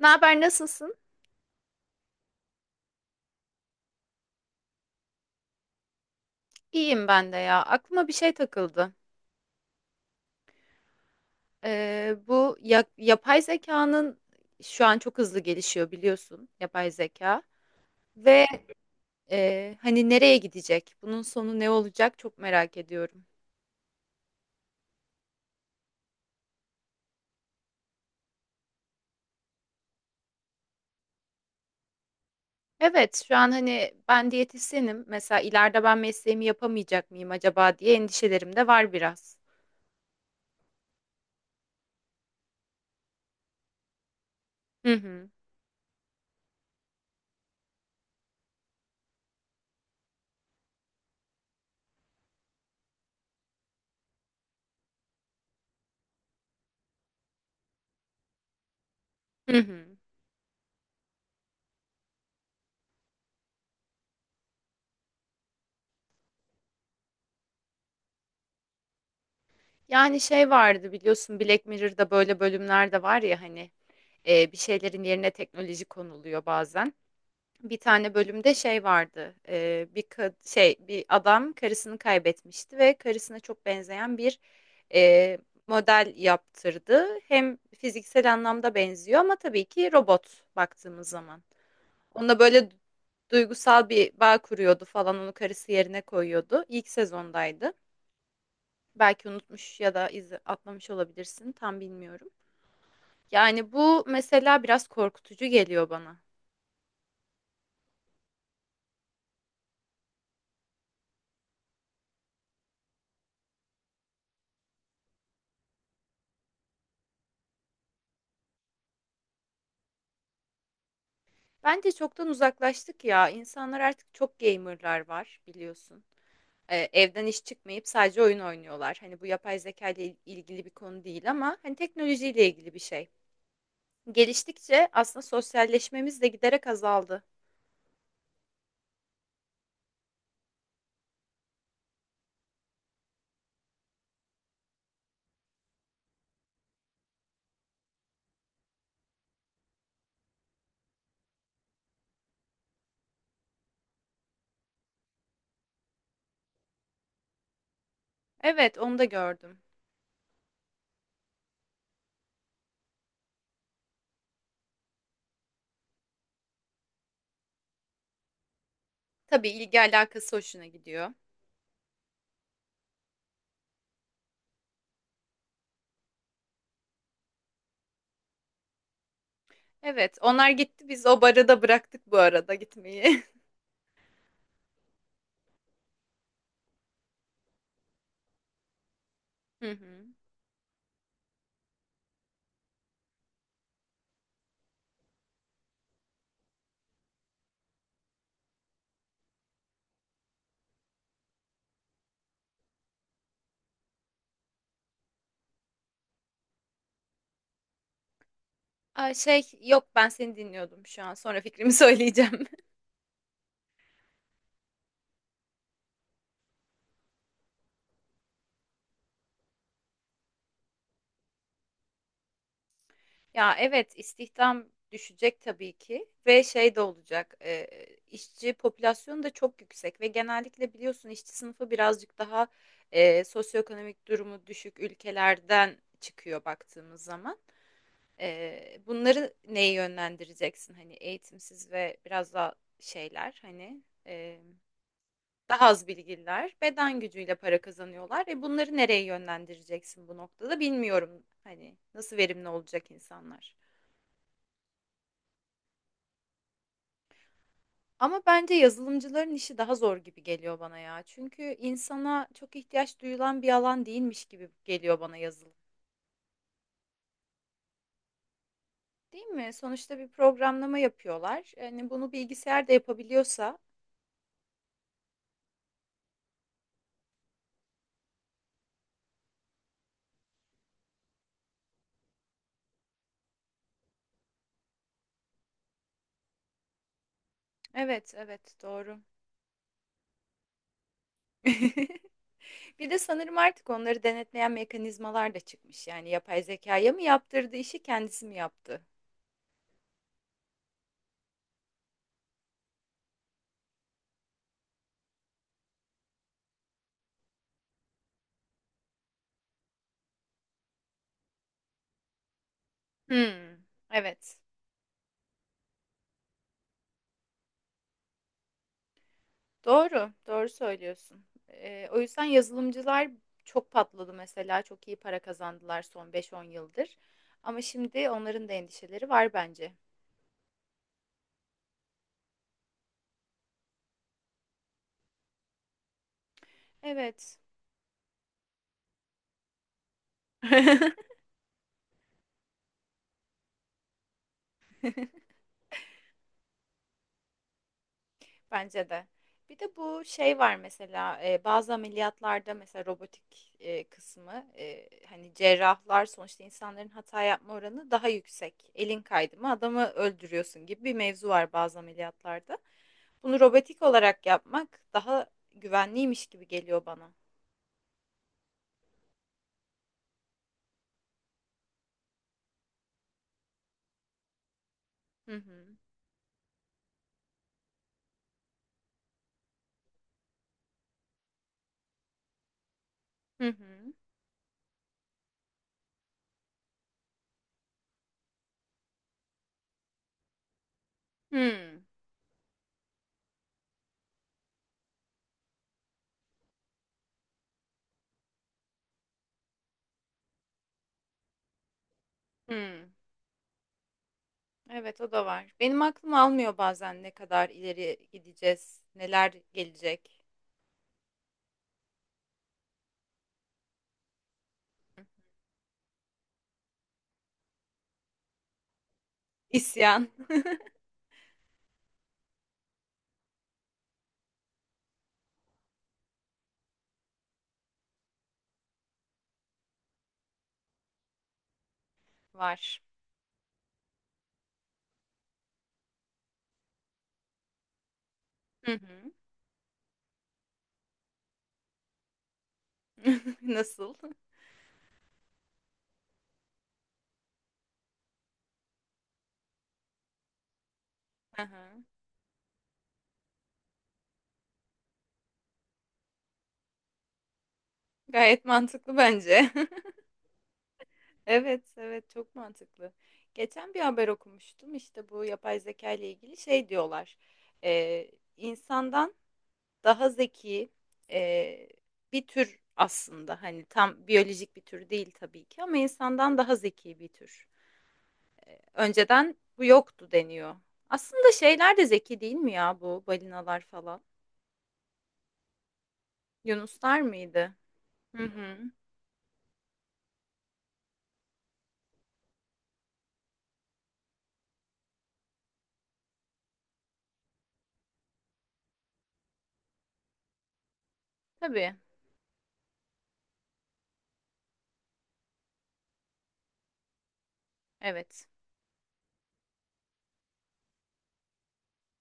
Ne haber, nasılsın? İyiyim ben de ya. Aklıma bir şey takıldı. Yapay zekanın şu an çok hızlı gelişiyor biliyorsun yapay zeka. Ve hani nereye gidecek? Bunun sonu ne olacak? Çok merak ediyorum. Evet, şu an hani ben diyetisyenim. Mesela ileride ben mesleğimi yapamayacak mıyım acaba diye endişelerim de var biraz. Hı hı. Hı hı. Yani şey vardı biliyorsun Black Mirror'da böyle bölümler de var ya hani bir şeylerin yerine teknoloji konuluyor bazen. Bir tane bölümde şey vardı. Bir kad- şey bir adam karısını kaybetmişti ve karısına çok benzeyen bir e, model yaptırdı. Hem fiziksel anlamda benziyor ama tabii ki robot baktığımız zaman. Onunla böyle duygusal bir bağ kuruyordu falan onu karısı yerine koyuyordu. İlk sezondaydı. Belki unutmuş ya da atlamış olabilirsin tam bilmiyorum. Yani bu mesela biraz korkutucu geliyor bana. Bence çoktan uzaklaştık ya. İnsanlar artık çok gamer'lar var biliyorsun. Evden iş çıkmayıp sadece oyun oynuyorlar. Hani bu yapay zeka ile ilgili bir konu değil ama hani teknolojiyle ilgili bir şey. Geliştikçe aslında sosyalleşmemiz de giderek azaldı. Evet, onu da gördüm. Tabii ilgi alakası hoşuna gidiyor. Evet, onlar gitti biz o barı da bıraktık bu arada gitmeyi. Hı hı. Aa, şey yok ben seni dinliyordum şu an. Sonra fikrimi söyleyeceğim. Ya evet istihdam düşecek tabii ki ve şey de olacak işçi popülasyonu da çok yüksek ve genellikle biliyorsun işçi sınıfı birazcık daha sosyoekonomik durumu düşük ülkelerden çıkıyor baktığımız zaman. Bunları neye yönlendireceksin hani eğitimsiz ve biraz daha şeyler hani daha az bilgililer beden gücüyle para kazanıyorlar. Bunları nereye yönlendireceksin bu noktada bilmiyorum hani nasıl verimli olacak insanlar. Ama bence yazılımcıların işi daha zor gibi geliyor bana ya. Çünkü insana çok ihtiyaç duyulan bir alan değilmiş gibi geliyor bana yazılım. Değil mi? Sonuçta bir programlama yapıyorlar. Yani bunu bilgisayar da yapabiliyorsa. Evet, evet, doğru. Bir de sanırım artık onları denetleyen mekanizmalar da çıkmış. Yani yapay zekaya mı yaptırdı işi, kendisi mi yaptı? Hmm, evet. Doğru, doğru söylüyorsun. O yüzden yazılımcılar çok patladı mesela. Çok iyi para kazandılar son beş on yıldır. Ama şimdi onların da endişeleri var bence. Evet. Bence de. Bir de bu şey var mesela bazı ameliyatlarda mesela robotik kısmı hani cerrahlar sonuçta insanların hata yapma oranı daha yüksek. Elin kaydı mı adamı öldürüyorsun gibi bir mevzu var bazı ameliyatlarda. Bunu robotik olarak yapmak daha güvenliymiş gibi geliyor bana. Hı hı. Hı hı. Hı. Hı. Evet o da var. Benim aklım almıyor bazen ne kadar ileri gideceğiz, neler gelecek. Hı. İsyan var. Hı hı. Nasıl? Aha. Gayet mantıklı bence. Evet, evet çok mantıklı. Geçen bir haber okumuştum. İşte bu yapay zeka ile ilgili şey diyorlar. Ee, insandan daha zeki e, bir tür aslında. Hani tam biyolojik bir tür değil tabii ki ama insandan daha zeki bir tür. Önceden bu yoktu deniyor. Aslında şeyler de zeki değil mi ya bu balinalar falan? Yunuslar mıydı? Hı hı. Tabii. Evet.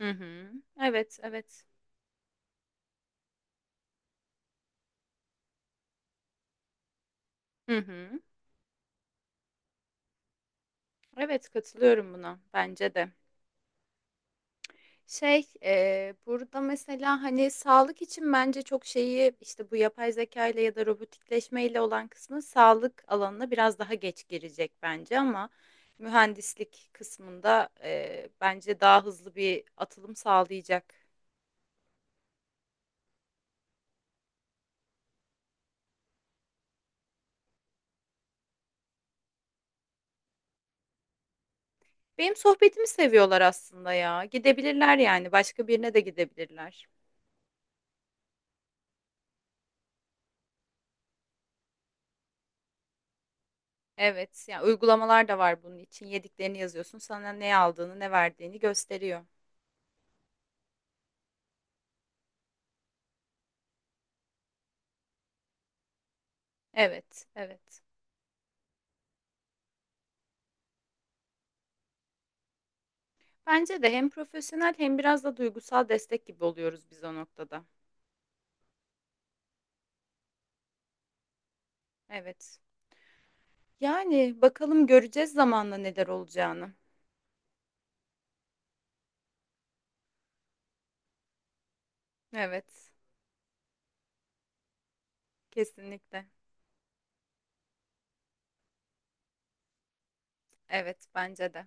Hı hı. Evet, evet. Hı hı. Evet, katılıyorum buna. Bence de. Burada mesela hani sağlık için bence çok şeyi işte bu yapay zeka ile ya da robotikleşme ile olan kısmı sağlık alanına biraz daha geç girecek bence ama mühendislik kısmında bence daha hızlı bir atılım sağlayacak. Benim sohbetimi seviyorlar aslında ya. Gidebilirler yani. Başka birine de gidebilirler. Evet, yani uygulamalar da var bunun için. Yediklerini yazıyorsun, sana ne aldığını, ne verdiğini gösteriyor. Evet, evet. Bence de hem profesyonel hem biraz da duygusal destek gibi oluyoruz biz o noktada. Evet. Yani bakalım göreceğiz zamanla neler olacağını. Evet, kesinlikle. Evet, bence de.